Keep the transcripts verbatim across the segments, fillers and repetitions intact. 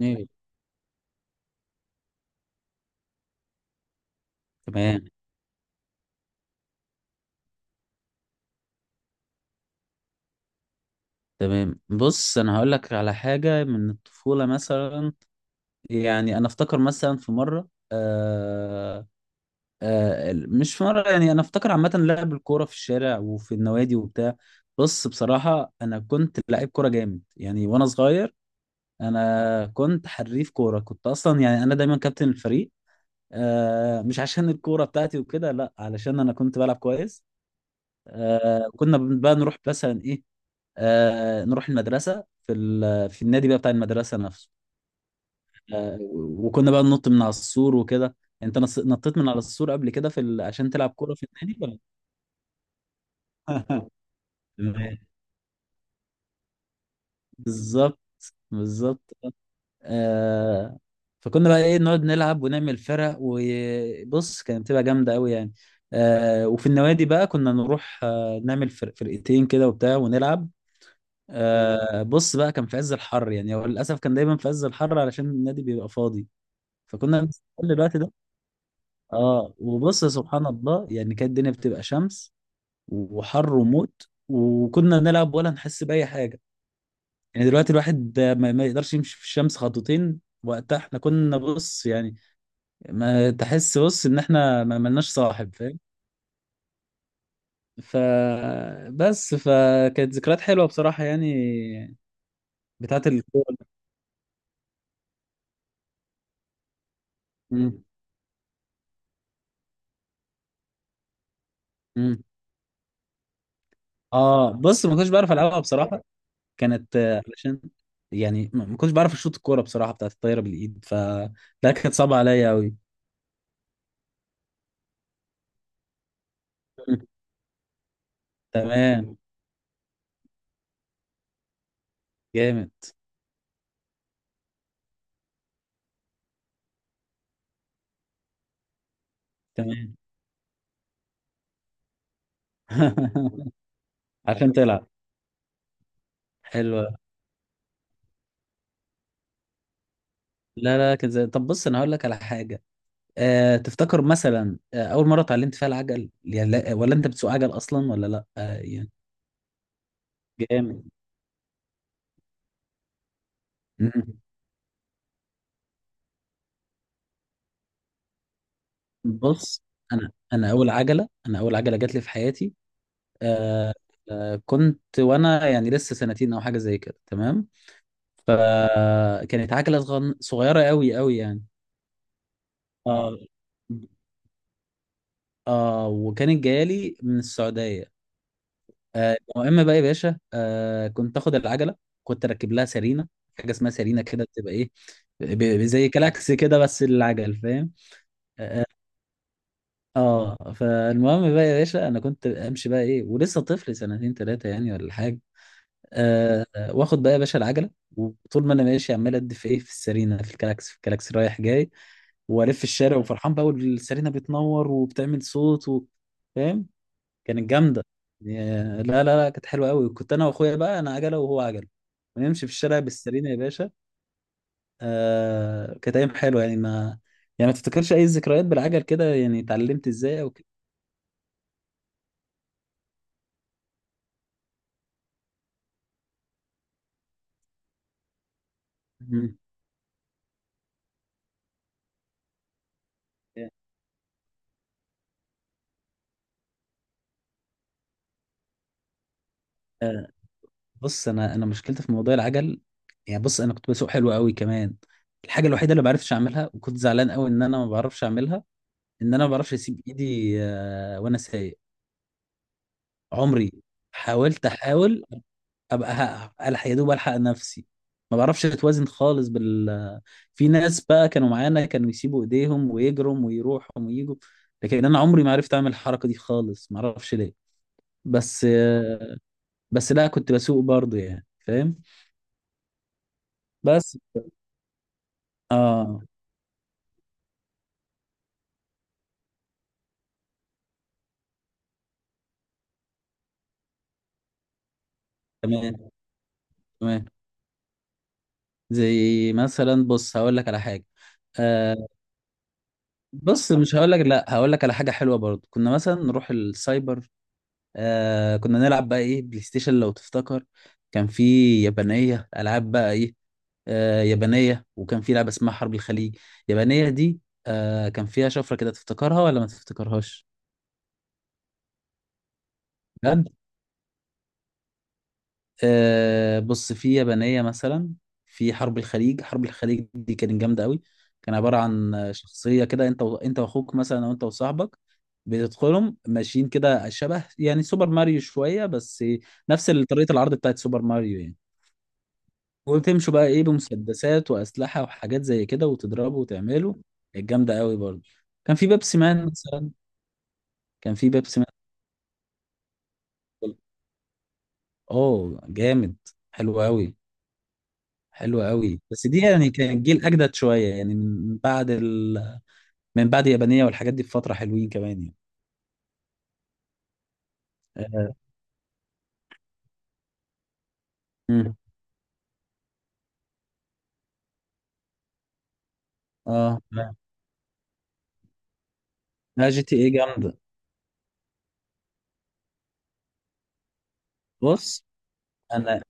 ايه. تمام. تمام بص انا هقول لك على حاجه من الطفوله مثلا. يعني انا افتكر مثلا في مره آه آه ال- مش في مره، يعني انا افتكر عامه لعب الكوره في الشارع وفي النوادي وبتاع. بص بصراحه انا كنت لعيب كوره جامد يعني وانا صغير. انا كنت حريف كوره، كنت اصلا يعني انا دايما كابتن الفريق. آه مش عشان الكوره بتاعتي وكده، لا علشان انا كنت بلعب كويس. آه كنا بقى نروح مثلا ايه، آه نروح المدرسة في ال... في النادي بقى بتاع المدرسة نفسه. آه وكنا بقى ننط من على السور وكده. انت نص... نطيت من على السور قبل كده في ال... عشان تلعب كورة في النادي ولا؟ تمام. بالظبط. بالظبط. آه فكنا بقى ايه نقعد نلعب ونعمل فرق، وبص كانت بتبقى جامده قوي يعني. آه وفي النوادي بقى كنا نروح آه نعمل فرق، فرقتين كده وبتاع، ونلعب. آه بص بقى كان في عز الحر، يعني هو للاسف كان دايما في عز الحر علشان النادي بيبقى فاضي. فكنا بنستغل الوقت ده. اه وبص سبحان الله يعني كانت الدنيا بتبقى شمس وحر وموت، وكنا نلعب ولا نحس بأي حاجة. يعني دلوقتي الواحد ما, ما يقدرش يمشي في الشمس خطوتين، وقتها احنا كنا بص يعني ما تحس بص ان احنا ما ملناش صاحب، فاهم؟ ف بس فكانت ذكريات حلوة بصراحة يعني، بتاعت الكورة. مم. مم. اه بص ما كنتش بعرف العبها بصراحة. كانت آه، علشان يعني ما ما كنتش بعرف اشوط الكوره بصراحه بتاعت الطايره بالايد. ف لا كانت صعبه عليا قوي. تمام. جامد. تمام. عشان تلعب. حلوه. لا لا كانت زي، طب بص انا هقول لك على حاجه. أه تفتكر مثلا آه، اول مره اتعلمت فيها العجل؟ يعني لا ولا انت بتسوق عجل اصلا ولا لا؟ أه يعني. جامد. مم. بص انا انا اول عجله، انا اول عجله جات لي في حياتي، أه. آه، كنت وانا يعني لسه سنتين او حاجه زي كده، تمام. فكانت عجلة صغن- صغيرة قوي قوي يعني. اه. اه وكانت جايالي من السعودية. آه، المهم بقى يا باشا، آه كنت اخد العجلة، كنت اركب لها سرينة. حاجة اسمها سرينة كده بتبقى ايه، ب- ب- زي كلاكس كده بس للعجل، فاهم؟ اه. آه، آه، فالمهم بقى يا باشا انا كنت امشي بقى ايه، ولسه طفل سنتين ثلاثة يعني ولا حاجة. آه آه، واخد بقى يا باشا العجلة، وطول ما انا ماشي عمال ادي في ايه، في السرينة، في الكلاكس في الكلاكس، رايح جاي. والف الشارع وفرحان بقى، والسيرينا بتنور وبتعمل صوت و... فاهم؟ كانت جامده. يا- لا لا لا كانت حلوه قوي. كنت انا واخويا بقى، انا عجله وهو عجله، ونمشي في الشارع بالسيرينا يا باشا. آه كانت ايام حلوه يعني. ما يعني ما تفتكرش اي ذكريات بالعجل كده يعني، اتعلمت ازاي او كده؟ مم. آه بص انا انا مشكلتي في موضوع العجل، يعني بص انا كنت بسوق حلو قوي كمان. الحاجه الوحيده اللي ما بعرفش اعملها، وكنت زعلان قوي ان انا ما بعرفش اعملها، ان انا ما بعرفش اسيب ايدي آه وانا سايق. عمري حاولت، احاول ابقى هقع، الحق يا دوب الحق نفسي. ما بعرفش اتوازن خالص بال في ناس بقى كانوا معانا كانوا يسيبوا ايديهم ويجروا ويروحوا ويجوا، لكن انا عمري ما عرفت اعمل الحركه دي خالص، ما اعرفش ليه. بس، بس لا كنت بسوق برضو يعني، فاهم؟ بس اه، تمام. تمام. زي مثلا بص هقول لك على حاجه. آه بص مش هقول لك، لا هقول لك على حاجه حلوه برضو. كنا مثلا نروح السايبر، آه كنا نلعب بقى ايه بلاي ستيشن، لو تفتكر. كان في يابانية العاب بقى ايه، آه يابانية. وكان في لعبة اسمها حرب الخليج، يابانية دي. آه كان فيها شفرة كده، تفتكرها ولا ما تفتكرهاش؟ بجد. آه بص في يابانية مثلا، في حرب الخليج. حرب الخليج دي كانت جامدة قوي. كان عبارة عن شخصية كده، انت و... انت واخوك مثلا او انت وصاحبك، بتدخلهم ماشيين كده شبه يعني سوبر ماريو شوية بس، نفس طريقة العرض بتاعت سوبر ماريو يعني. وتمشوا بقى ايه بمسدسات واسلحه وحاجات زي كده، وتضربوا وتعملوا. الجامده قوي برضه. كان في بيبسي مان مثلا. كان في بيبسي مان، اه جامد، حلو قوي. حلو قوي بس دي يعني كان جيل اجدد شويه يعني، من بعد ال... من بعد اليابانيه والحاجات دي بفتره، حلوين كمان يعني. اه. مم. اه لا جي تي ايه جامده. بص انا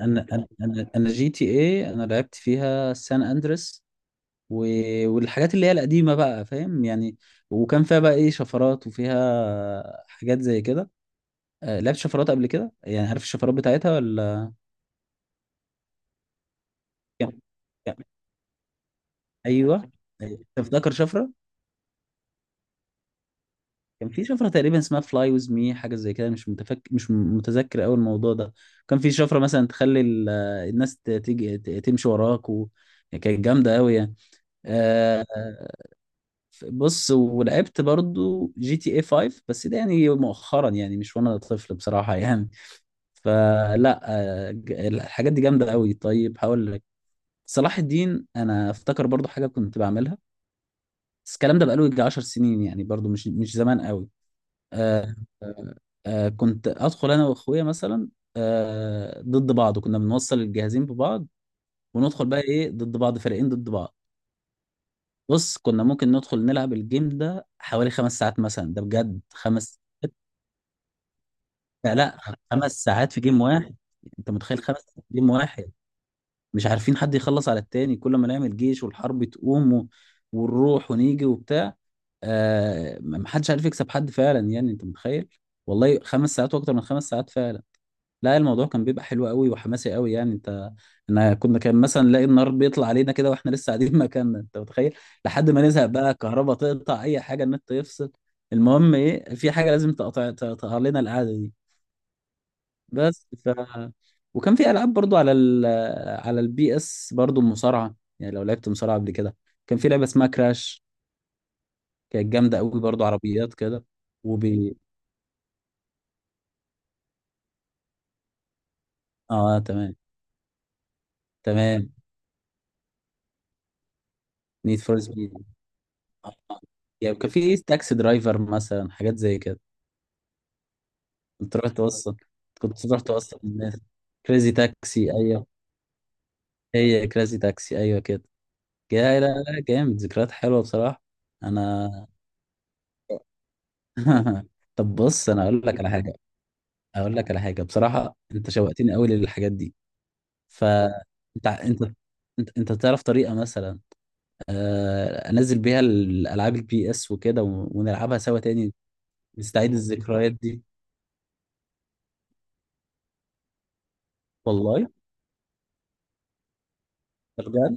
انا انا انا, أنا جي تي ايه انا لعبت فيها سان اندريس و... والحاجات اللي هي القديمة بقى، فاهم يعني. وكان فيها بقى ايه شفرات وفيها حاجات زي كده. آه، لعبت شفرات قبل كده، يعني عارف الشفرات بتاعتها ولا؟ كان- كان- ايوه. أيوة. تفتكر شفرة؟ كان في شفرة تقريبا اسمها فلاي ويز مي، حاجة زي كده، مش متفك... مش م- متذكر قوي الموضوع ده. كان في شفرة مثلا تخلي ال... الناس ت- تيجي ت- تمشي وراك و... كانت جامدة قوي يعني. آه، بص ولعبت برضو جي تي اي خمسة، بس ده يعني مؤخرا يعني مش وانا طفل بصراحة يعني. فلا آه، ج- الحاجات دي جامدة قوي. طيب هقول لك، صلاح الدين انا افتكر برضو حاجة كنت بعملها، بس الكلام ده بقاله يجي 10 سنين يعني، برضو مش مش زمان قوي. آه آه آه كنت ادخل انا واخويا مثلا آه ضد بعض. كنا بنوصل الجهازين ببعض، وندخل بقى ايه ضد بعض، فريقين ضد بعض. بص كنا ممكن ندخل نلعب الجيم ده حوالي خمس ساعات مثلا، ده بجد خمس ساعات. لا لا، خمس ساعات في جيم واحد. انت متخيل، خمس ساعات في جيم واحد؟ مش عارفين حد يخلص على التاني، كل ما نعمل جيش والحرب تقوم و... ونروح ونيجي وبتاع. آه محدش عارف يكسب حد فعلا، يعني انت متخيل؟ والله خمس ساعات واكتر من خمس ساعات فعلا. لا الموضوع كان بيبقى حلو قوي وحماسي قوي يعني. انت انا كنا كان مثلا نلاقي النار بيطلع علينا كده واحنا لسه قاعدين مكاننا، انت متخيل؟ لحد ما نزهق بقى، الكهرباء تقطع، اي حاجه، النت يفصل. المهم ايه، في حاجه لازم تقطع تقطع لنا القعده دي. بس، ف وكان في العاب برضو على ال، على البي اس برضو مصارعه، يعني لو لعبت مصارعه قبل كده. كان في لعبه اسمها كراش، كانت جامده قوي برضو، عربيات كده. وبي. اه، تمام. تمام. نيد فور سبيد، يبقى في تاكسي درايفر مثلا حاجات زي كده. كنت تروح توصل، كنت تروح توصل الناس. كريزي تاكسي، ايوه. هي كريزي تاكسي ايوه كده. جاي، لا لا جامد. ذكريات حلوه بصراحه. انا طب بص انا اقول لك على حاجه، اقول لك على حاجه. بصراحه انت شوقتني قوي للحاجات دي. ف انت انت انت انت تعرف طريقه مثلا آه، انزل بيها الالعاب البي اس وكده و- ونلعبها سوا تاني؟ نستعيد الذكريات دي. والله. بجد.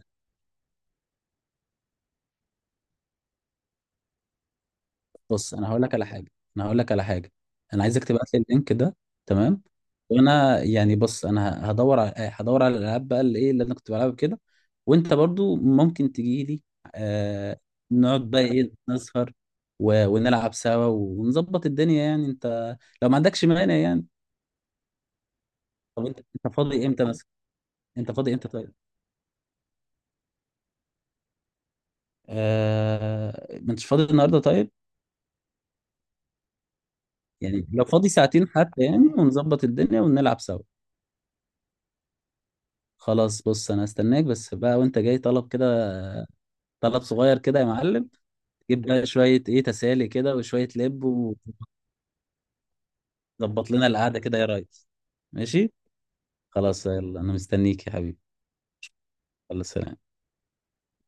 بص انا هقول لك على حاجه، انا هقول لك على حاجه، انا عايزك تبعت لي اللينك ده، تمام. وانا يعني بص انا هدور على، هدور على الالعاب بقى اللي ايه اللي انا كنت بلعبها كده، وانت برضو ممكن تجي لي. آه نقعد بقى ايه نسهر و... ونلعب سوا ونظبط الدنيا، يعني انت لو ما عندكش مانع يعني. طب انت، انت فاضي امتى مثلا؟ انت فاضي امتى طيب؟ آه ما انتش فاضي النهارده طيب؟ يعني لو فاضي ساعتين حتى يعني، ونظبط الدنيا ونلعب سوا. خلاص بص انا هستناك، بس بقى وانت جاي طلب كده، طلب صغير كده يا معلم. جيب بقى شوية ايه تسالي كده وشوية لب، وظبط لنا القعدة كده يا ريس. ماشي. خلاص يلا انا مستنيك يا حبيبي. يلا سلام.